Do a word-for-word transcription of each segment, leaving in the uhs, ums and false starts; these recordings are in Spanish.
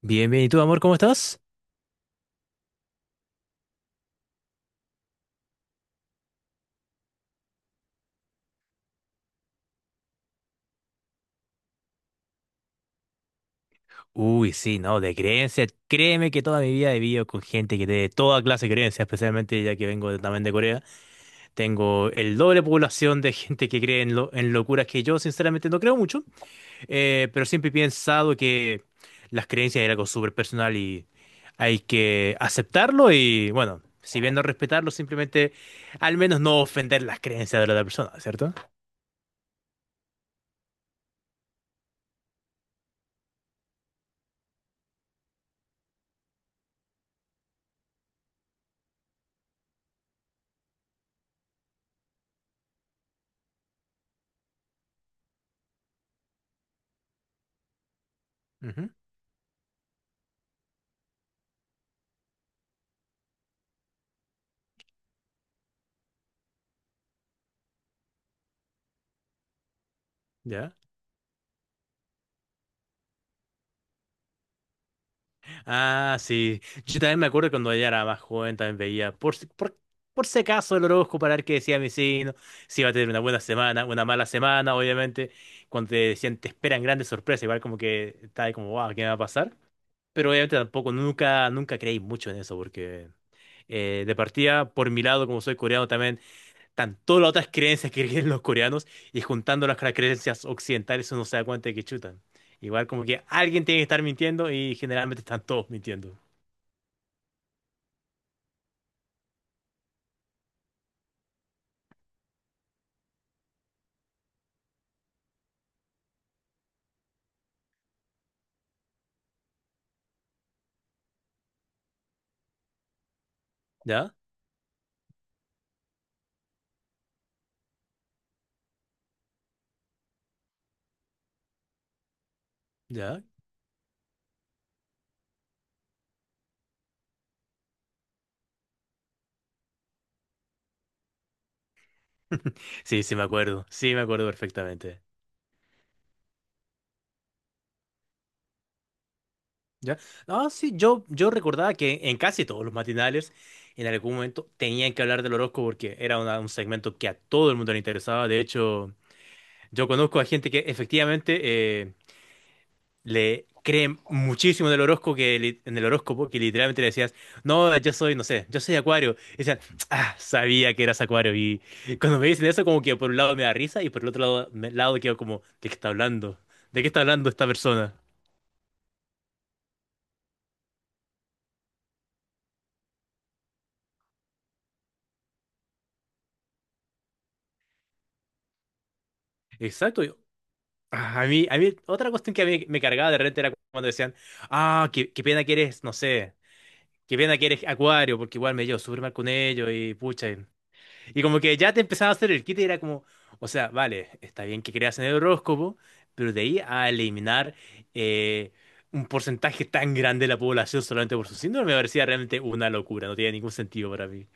Bien, bien. ¿Y tú, amor, cómo estás? Uy, sí, no, de creencias. Créeme que toda mi vida he vivido con gente que tiene toda clase de creencias, especialmente ya que vengo de- también de Corea. Tengo el doble población de gente que cree en, lo- en locuras que yo, sinceramente, no creo mucho. Eh, pero siempre he pensado que las creencias era algo súper personal y hay que aceptarlo y, bueno, si bien no respetarlo, simplemente al menos no ofender las creencias de la otra persona, ¿cierto? Ujú. Ya. Ah, sí. Yo también me acuerdo cuando ella era más joven, también veía por, si- por, por si acaso el horóscopo para ver qué decía mi signo, si iba a tener una buena semana, una mala semana, obviamente. Cuando te decían te esperan grandes sorpresas, igual como que está ahí como, wow, ¿qué me va a pasar? Pero obviamente tampoco, nunca, nunca creí mucho en eso, porque eh, de partida, por mi lado, como soy coreano también, están todas las otras creencias que creen los coreanos y juntándolas con las creencias occidentales uno se da cuenta de que chutan. Igual como que alguien tiene que estar mintiendo y generalmente están todos mintiendo. ¿Ya? ¿Ya? Sí, sí me acuerdo, sí me acuerdo perfectamente. ¿Ya? No, sí, yo, yo recordaba que en casi todos los matinales en algún momento tenían que hablar del horóscopo porque era una- un segmento que a todo el mundo le interesaba. De hecho, yo conozco a gente que efectivamente... eh, le creen muchísimo del horóscopo que li- en el horóscopo que literalmente le decías, no, yo soy, no sé, yo soy Acuario. Y decían, ah, sabía que eras Acuario. Y cuando me dicen eso, como que por un lado me da risa y por el otro lado, me- lado quedo como, ¿de qué está hablando? ¿De qué está hablando esta persona? Exacto. yo- ah, A mí, a mí, otra cuestión que a mí me cargaba de repente era cuando decían, ah, qué, qué pena que eres, no sé, qué pena que eres Acuario, porque igual me llevo súper mal con ellos y pucha. Y como que ya te empezaba a hacer el kit y era como, o sea, vale, está bien que creas en el horóscopo, pero de ahí a eliminar eh, un porcentaje tan grande de la población solamente por su síndrome me parecía realmente una locura, no tenía ningún sentido para mí.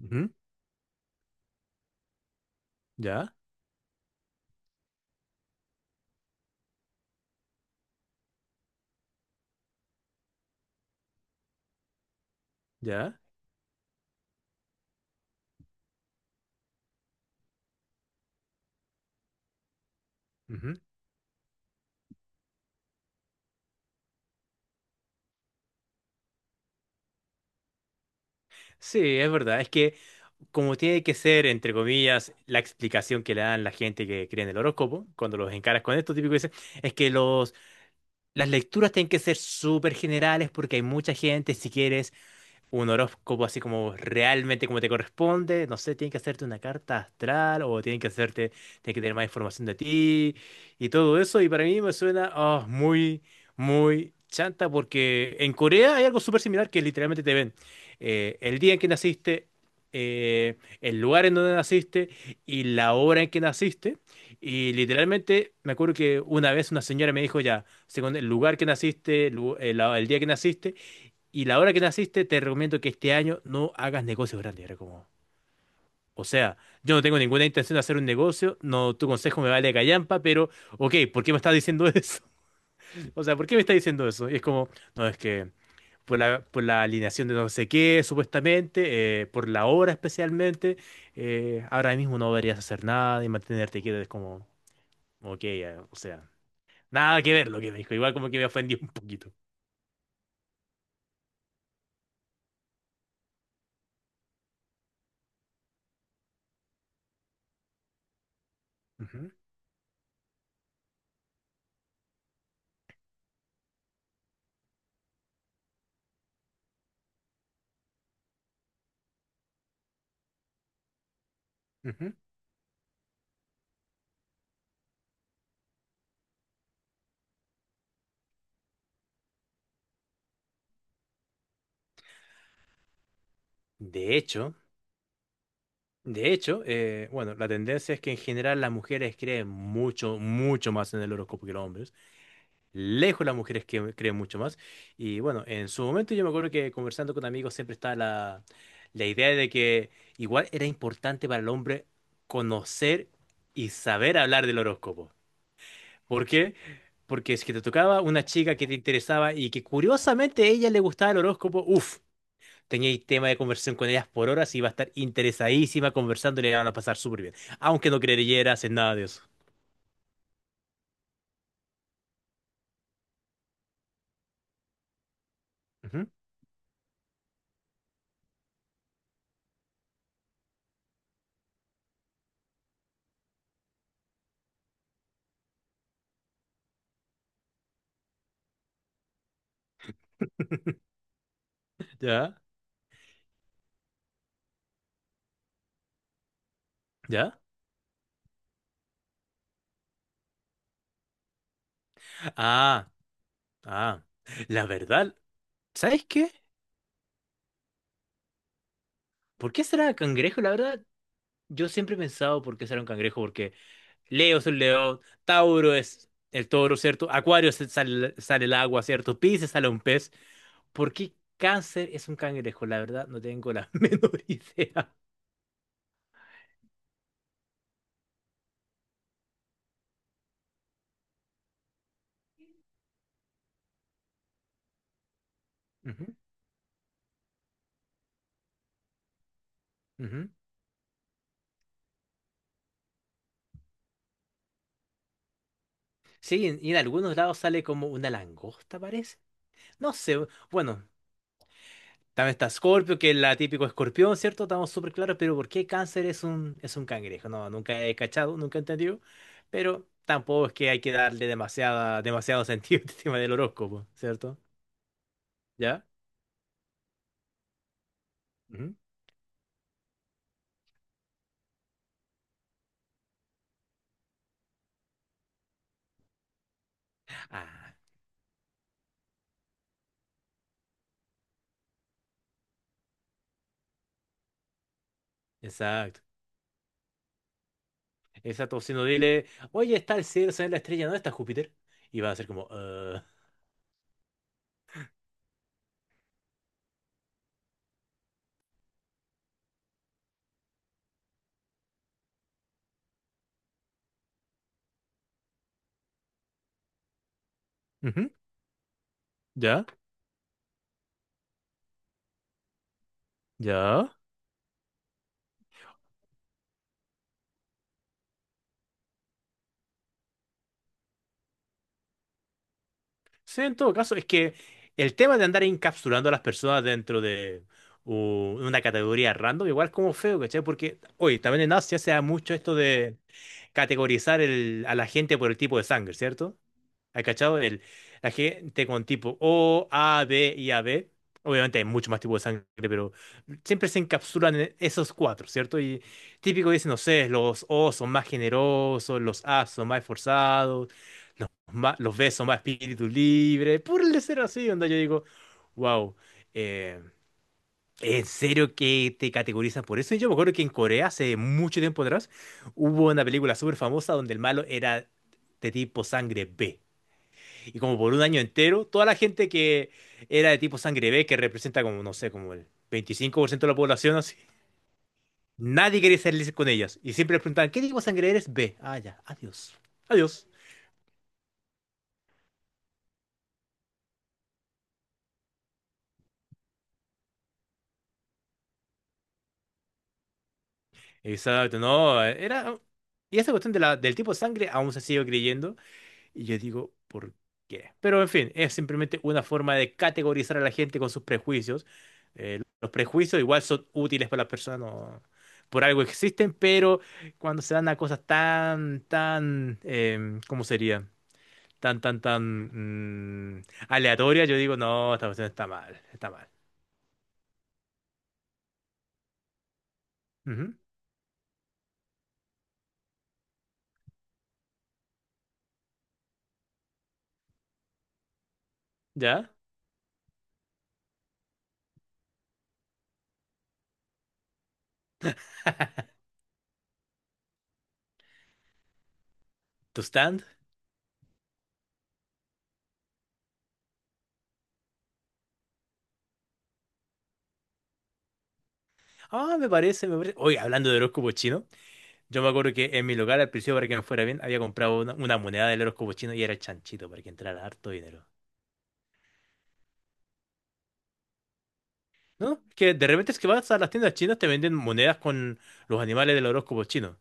Ujú. Ya, ya. Ujú. Sí, es verdad, es que como tiene que ser, entre comillas, la explicación que le dan la gente que cree en el horóscopo, cuando los encaras con esto, típico dicen, es que los, las lecturas tienen que ser súper generales porque hay mucha gente, si quieres un horóscopo así como realmente como te corresponde. No sé, tienen que hacerte una carta astral o tienen que hacerte, tienen que tener más información de ti y todo eso. Y para mí me suena ah, muy, muy chanta porque en Corea hay algo súper similar que literalmente te ven eh, el día en que naciste. Eh, el lugar en donde naciste y la hora en que naciste. Y literalmente me acuerdo que una vez una señora me dijo ya, según el lugar que naciste, el lu- el- el día que naciste, y la hora que naciste, te recomiendo que este año no hagas negocios grandes. Era como, o sea, yo no tengo ninguna intención de hacer un negocio, no, tu consejo me vale callampa, pero, ok, ¿por qué me estás diciendo eso? O sea, ¿por qué me estás diciendo eso? Y es como, no, es que por la, por la alineación de no sé qué, supuestamente, eh, por la hora especialmente, eh, ahora mismo no deberías hacer nada y mantenerte quieto. Es como, ok, eh, o sea, nada que ver lo que me dijo. Igual como que me ofendió un poquito. Ujú, ujú. De hecho. De hecho, eh, bueno, la tendencia es que en general las mujeres creen mucho, mucho más en el horóscopo que los hombres. Lejos las mujeres que creen mucho más. Y bueno, en su momento yo me acuerdo que conversando con amigos siempre estaba la, la idea de que igual era importante para el hombre conocer y saber hablar del horóscopo. ¿Por qué? Porque si que te tocaba una chica que te interesaba y que curiosamente a ella le gustaba el horóscopo, uff. Teníais tema de conversación con ellas por horas y iba a estar interesadísima conversando y le iban a pasar súper bien. Aunque no creyeras en nada de eso. Ujú. ¿Ya? ¿Ya? Ah, ah. La verdad, ¿sabes qué? ¿Por qué será cangrejo? La verdad, yo siempre he pensado por qué será un cangrejo, porque Leo es un león, Tauro es el toro, ¿cierto? Acuario se- sale, sale el agua, ¿cierto? Piscis sale un pez. ¿Por qué cáncer es un cangrejo? La verdad, no tengo la menor idea. Ujú, ujú. Sí, en- y en algunos lados sale como una langosta, parece. No sé, bueno, también está Scorpio, que es la típico escorpión, ¿cierto? Estamos súper claros, pero ¿por qué cáncer es un, es un cangrejo? No, nunca he cachado, nunca he entendido, pero tampoco es que hay que darle demasiada, demasiado sentido al tema del horóscopo, ¿cierto? ¿Ya? Ujú. Ah, exacto. Exacto, si no dile, oye, está el cielo, se ve la estrella, ¿no está Júpiter? Y va a ser como, eh, ujú. ¿Ya? ¿Ya? Sí, en todo caso, es que el tema de andar encapsulando a las personas dentro de u- una categoría random, igual es como feo, ¿cachai? Porque, oye, también en Asia se da mucho esto de categorizar el- a la gente por el tipo de sangre, ¿cierto? ¿Has cachado? El, la gente con tipo O, A, B y A B. Obviamente hay mucho más tipos de sangre, pero siempre se encapsulan en esos cuatro, ¿cierto? Y típico dicen, no sé, los O son más generosos, los A son más esforzados ma- los ves, son más espíritu libre, por el ser así, onda, yo digo, wow, eh, en serio que te categorizan por eso. Y yo me acuerdo que en Corea, hace mucho tiempo atrás, hubo una película súper famosa donde el malo era de tipo sangre B. Y como por un año entero, toda la gente que era de tipo sangre B, que representa como, no sé, como el veinticinco por ciento de la población, así, nadie quería salir con ellas. Y siempre les preguntaban, ¿qué tipo de sangre eres? B. Ah, ya, adiós. Adiós. Exacto, no, era... Y esa cuestión de la, del tipo de sangre aún se sigue creyendo. Y yo digo, ¿por qué? Pero en fin, es simplemente una forma de categorizar a la gente con sus prejuicios. Eh, los prejuicios igual son útiles para las personas, no- por algo existen, pero cuando se dan a cosas tan, tan, em, ¿cómo sería? Tan, tan, tan mm, aleatorias, yo digo, no, esta cuestión está mal, está mal. Ujú. ¿Ya? ¿Tu stand? Ah, me parece, me parece. Oye, hablando de horóscopo chino. Yo me acuerdo que en mi local, al principio, para que me fuera bien, había comprado una, una moneda del horóscopo chino y era el chanchito para que entrara harto dinero. ¿No? Es que de repente es que vas a las tiendas chinas, te venden monedas con los animales del horóscopo chino.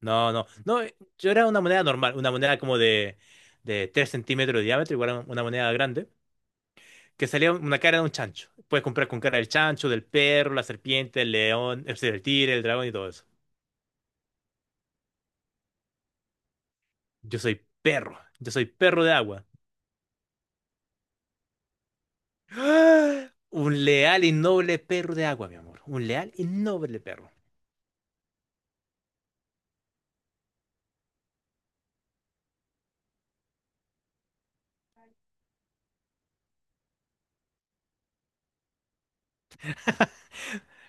No, no, no, eh, yo era una moneda normal, una moneda como de, de 3 centímetros de diámetro, igual a una moneda grande, que salía una cara de un chancho. Puedes comprar con cara del chancho, del perro, la serpiente, el león, el, el tigre, el dragón y todo eso. Yo soy perro, yo soy perro de agua. ¡Ah! Un leal y noble perro de agua, mi amor. Un leal y noble perro.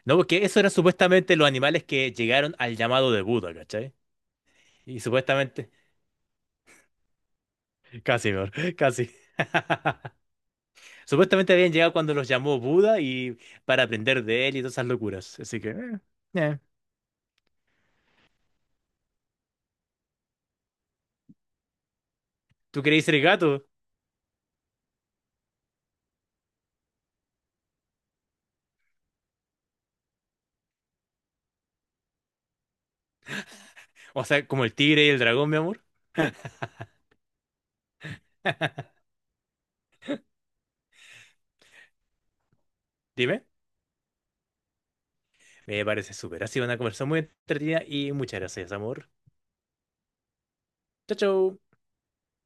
No, porque eso eran supuestamente los animales que llegaron al llamado de Buda, ¿cachai? Y supuestamente... Casi, mi amor, casi. Supuestamente habían llegado cuando los llamó Buda y para aprender de él y todas esas locuras. Así que... eh, eh. ¿Tú queréis ser gato? O sea, como el tigre y el dragón, mi amor. Dime. Me parece súper. Ha sido una conversación muy entretenida y muchas gracias, amor. Chao, chao.